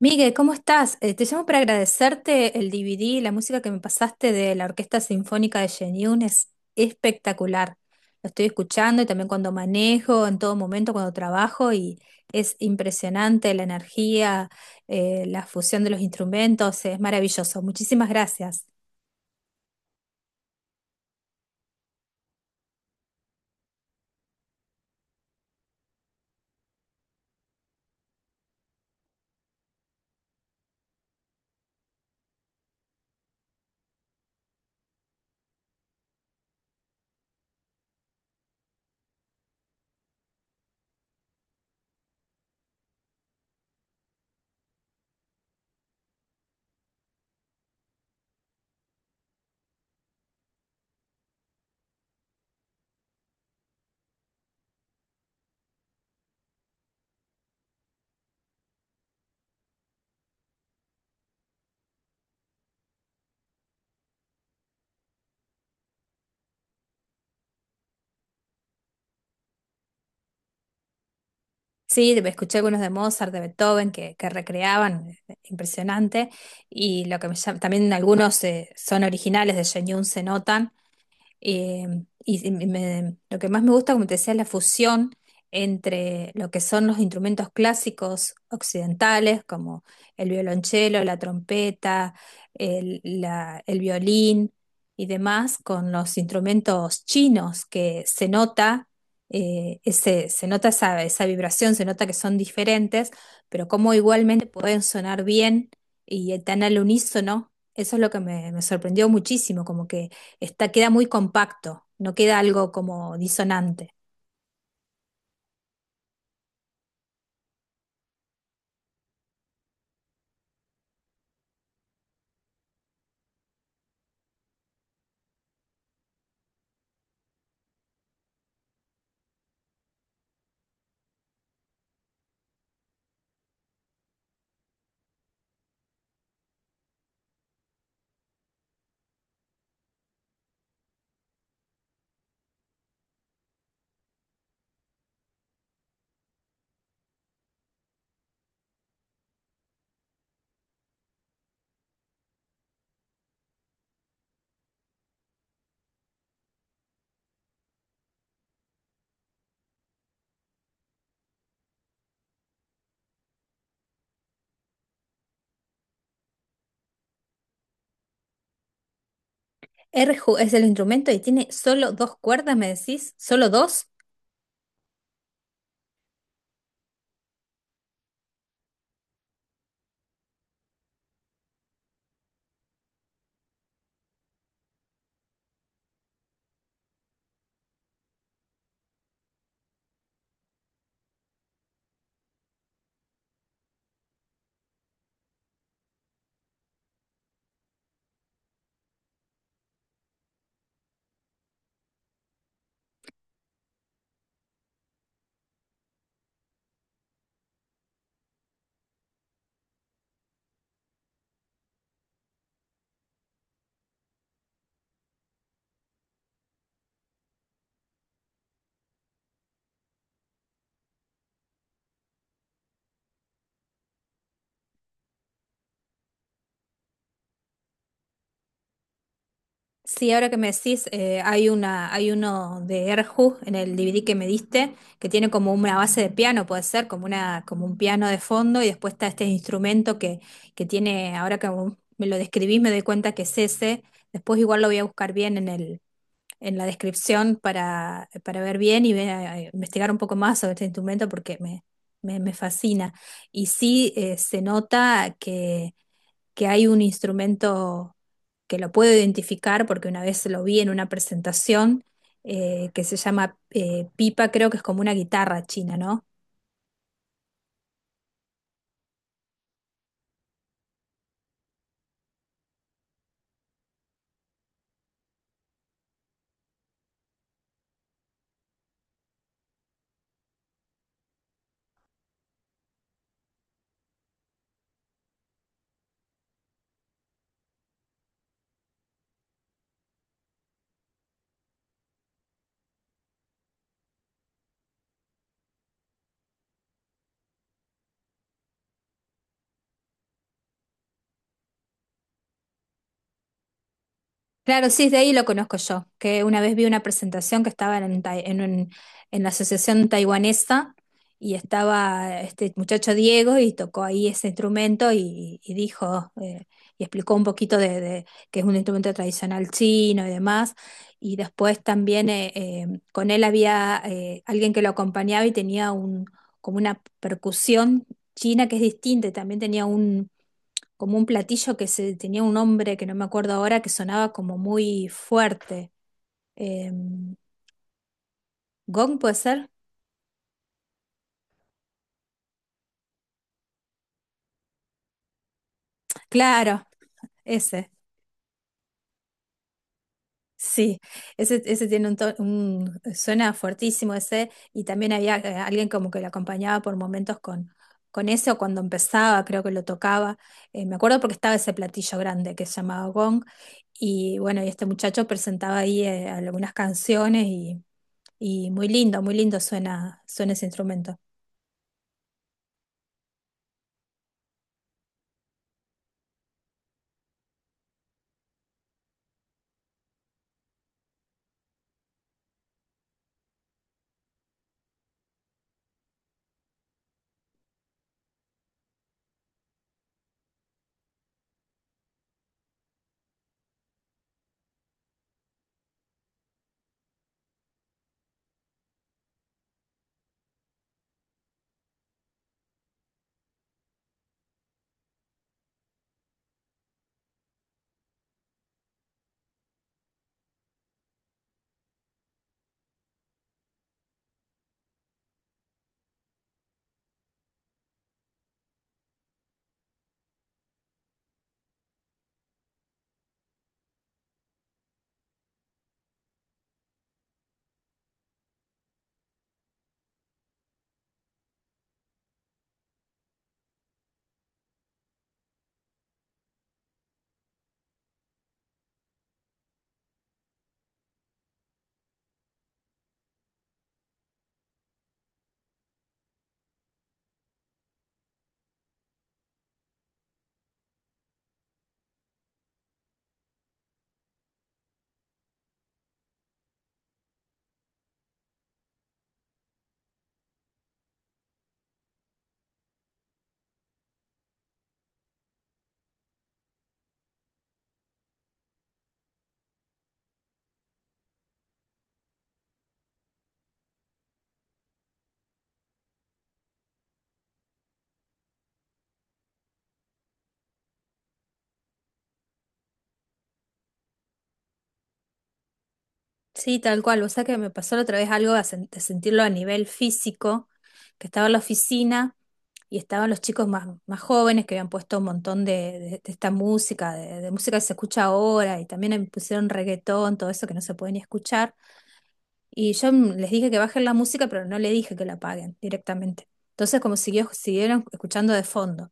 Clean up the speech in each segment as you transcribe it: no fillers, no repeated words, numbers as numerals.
Miguel, ¿cómo estás? Te llamo para agradecerte el DVD, la música que me pasaste de la Orquesta Sinfónica de Shenyun es espectacular. Lo estoy escuchando y también cuando manejo, en todo momento, cuando trabajo y es impresionante la energía, la fusión de los instrumentos, es maravilloso. Muchísimas gracias. Sí, escuché algunos de Mozart, de Beethoven que recreaban, impresionante. Y lo que también algunos son originales de Shenyun, se notan. Eh, lo que más me gusta, como te decía, es la fusión entre lo que son los instrumentos clásicos occidentales, como el violonchelo, la trompeta, el violín y demás, con los instrumentos chinos, que se nota, se nota esa vibración, se nota que son diferentes, pero como igualmente pueden sonar bien y tan al unísono. Eso es lo que me sorprendió muchísimo, como que está, queda muy compacto, no queda algo como disonante. Erhu es el instrumento y tiene solo dos cuerdas, me decís, solo dos. Sí, ahora que me decís, hay hay uno de Erhu en el DVD que me diste, que tiene como una base de piano, puede ser, como una, como un piano de fondo, y después está este instrumento que tiene, ahora que me lo describís, me doy cuenta que es ese. Después igual lo voy a buscar bien en en la descripción para ver bien y investigar un poco más sobre este instrumento me fascina. Y sí se nota que hay un instrumento que lo puedo identificar porque una vez lo vi en una presentación que se llama pipa, creo que es como una guitarra china, ¿no? Claro, sí, de ahí lo conozco yo, que una vez vi una presentación que estaba en la Asociación Taiwanesa y estaba este muchacho Diego y tocó ahí ese instrumento y dijo y explicó un poquito de que es un instrumento tradicional chino y demás. Y después también con él había alguien que lo acompañaba y tenía un, como una percusión china que es distinta, y también tenía como un platillo tenía un nombre que no me acuerdo ahora, que sonaba como muy fuerte. Eh, ¿Gong puede ser? Claro, ese. Sí, ese tiene suena fuertísimo ese, y también había alguien como que lo acompañaba por momentos con ese, o cuando empezaba, creo que lo tocaba. Me acuerdo porque estaba ese platillo grande que se llamaba gong, y bueno, y este muchacho presentaba ahí algunas canciones y muy lindo suena, suena ese instrumento. Sí, tal cual. Vos sabés que me pasó la otra vez algo de, de sentirlo a nivel físico, que estaba en la oficina y estaban los chicos más, más jóvenes que habían puesto un montón de esta música, de música que se escucha ahora, y también pusieron reggaetón, todo eso que no se puede ni escuchar. Y yo les dije que bajen la música, pero no le dije que la apaguen directamente. Entonces, siguieron escuchando de fondo.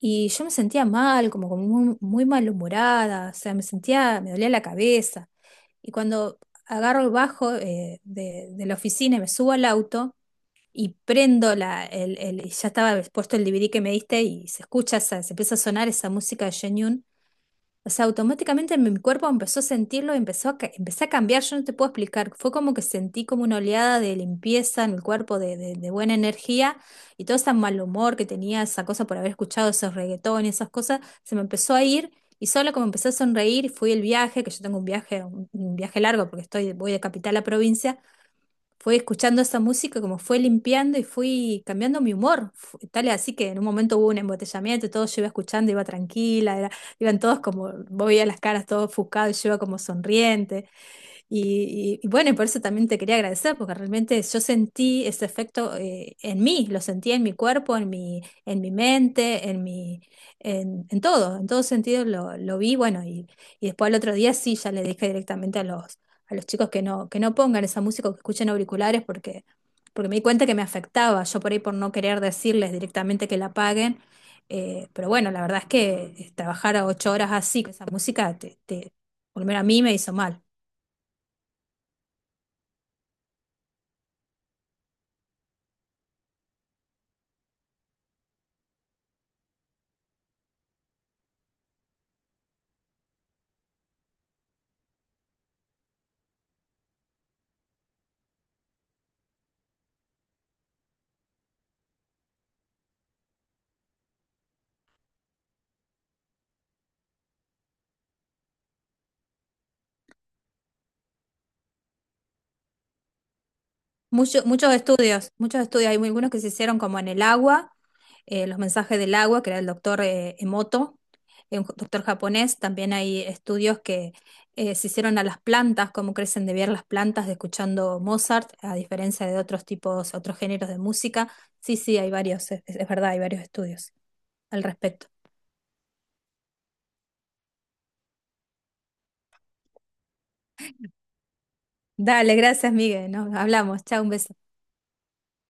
Y yo me sentía mal, como, como muy, muy malhumorada, o sea, me sentía, me dolía la cabeza. Y cuando agarro el bajo de la oficina y me subo al auto y prendo y ya estaba puesto el DVD que me diste y se escucha, se empieza a sonar esa música de Shenyun, o sea, automáticamente mi cuerpo empezó a sentirlo, empezó a, empecé a cambiar, yo no te puedo explicar, fue como que sentí como una oleada de limpieza en el cuerpo, de buena energía y todo ese mal humor que tenía, esa cosa por haber escuchado esos reggaetones, esas cosas, se me empezó a ir y solo como empecé a sonreír, fui el viaje, que yo tengo un viaje, un viaje largo porque estoy, voy de capital a provincia, fui escuchando esa música, como fue limpiando y fui cambiando mi humor. Tal es así que en un momento hubo un embotellamiento, y todo yo iba escuchando, iba tranquila, iban todos como, vos veías las caras todos ofuscados, y yo iba como sonriente. Y bueno, y por eso también te quería agradecer, porque realmente yo sentí ese efecto en mí, lo sentí en mi cuerpo, en mi mente, en todo sentido lo vi, bueno, y después al otro día sí, ya le dije directamente a a los chicos que no pongan esa música o que escuchen auriculares porque, porque me di cuenta que me afectaba, yo por ahí por no querer decirles directamente que la apaguen, pero bueno, la verdad es que trabajar a 8 horas así, con esa música, por lo menos a mí me hizo mal. Muchos estudios, muchos estudios. Hay algunos que se hicieron como en el agua, los mensajes del agua, que era el doctor Emoto, un doctor japonés. También hay estudios que se hicieron a las plantas, cómo crecen de ver las plantas de escuchando Mozart, a diferencia de otros tipos, otros géneros de música. Sí, sí, hay varios, es verdad, hay varios estudios al respecto. Dale, gracias, Miguel. Nos hablamos. Chao, un beso.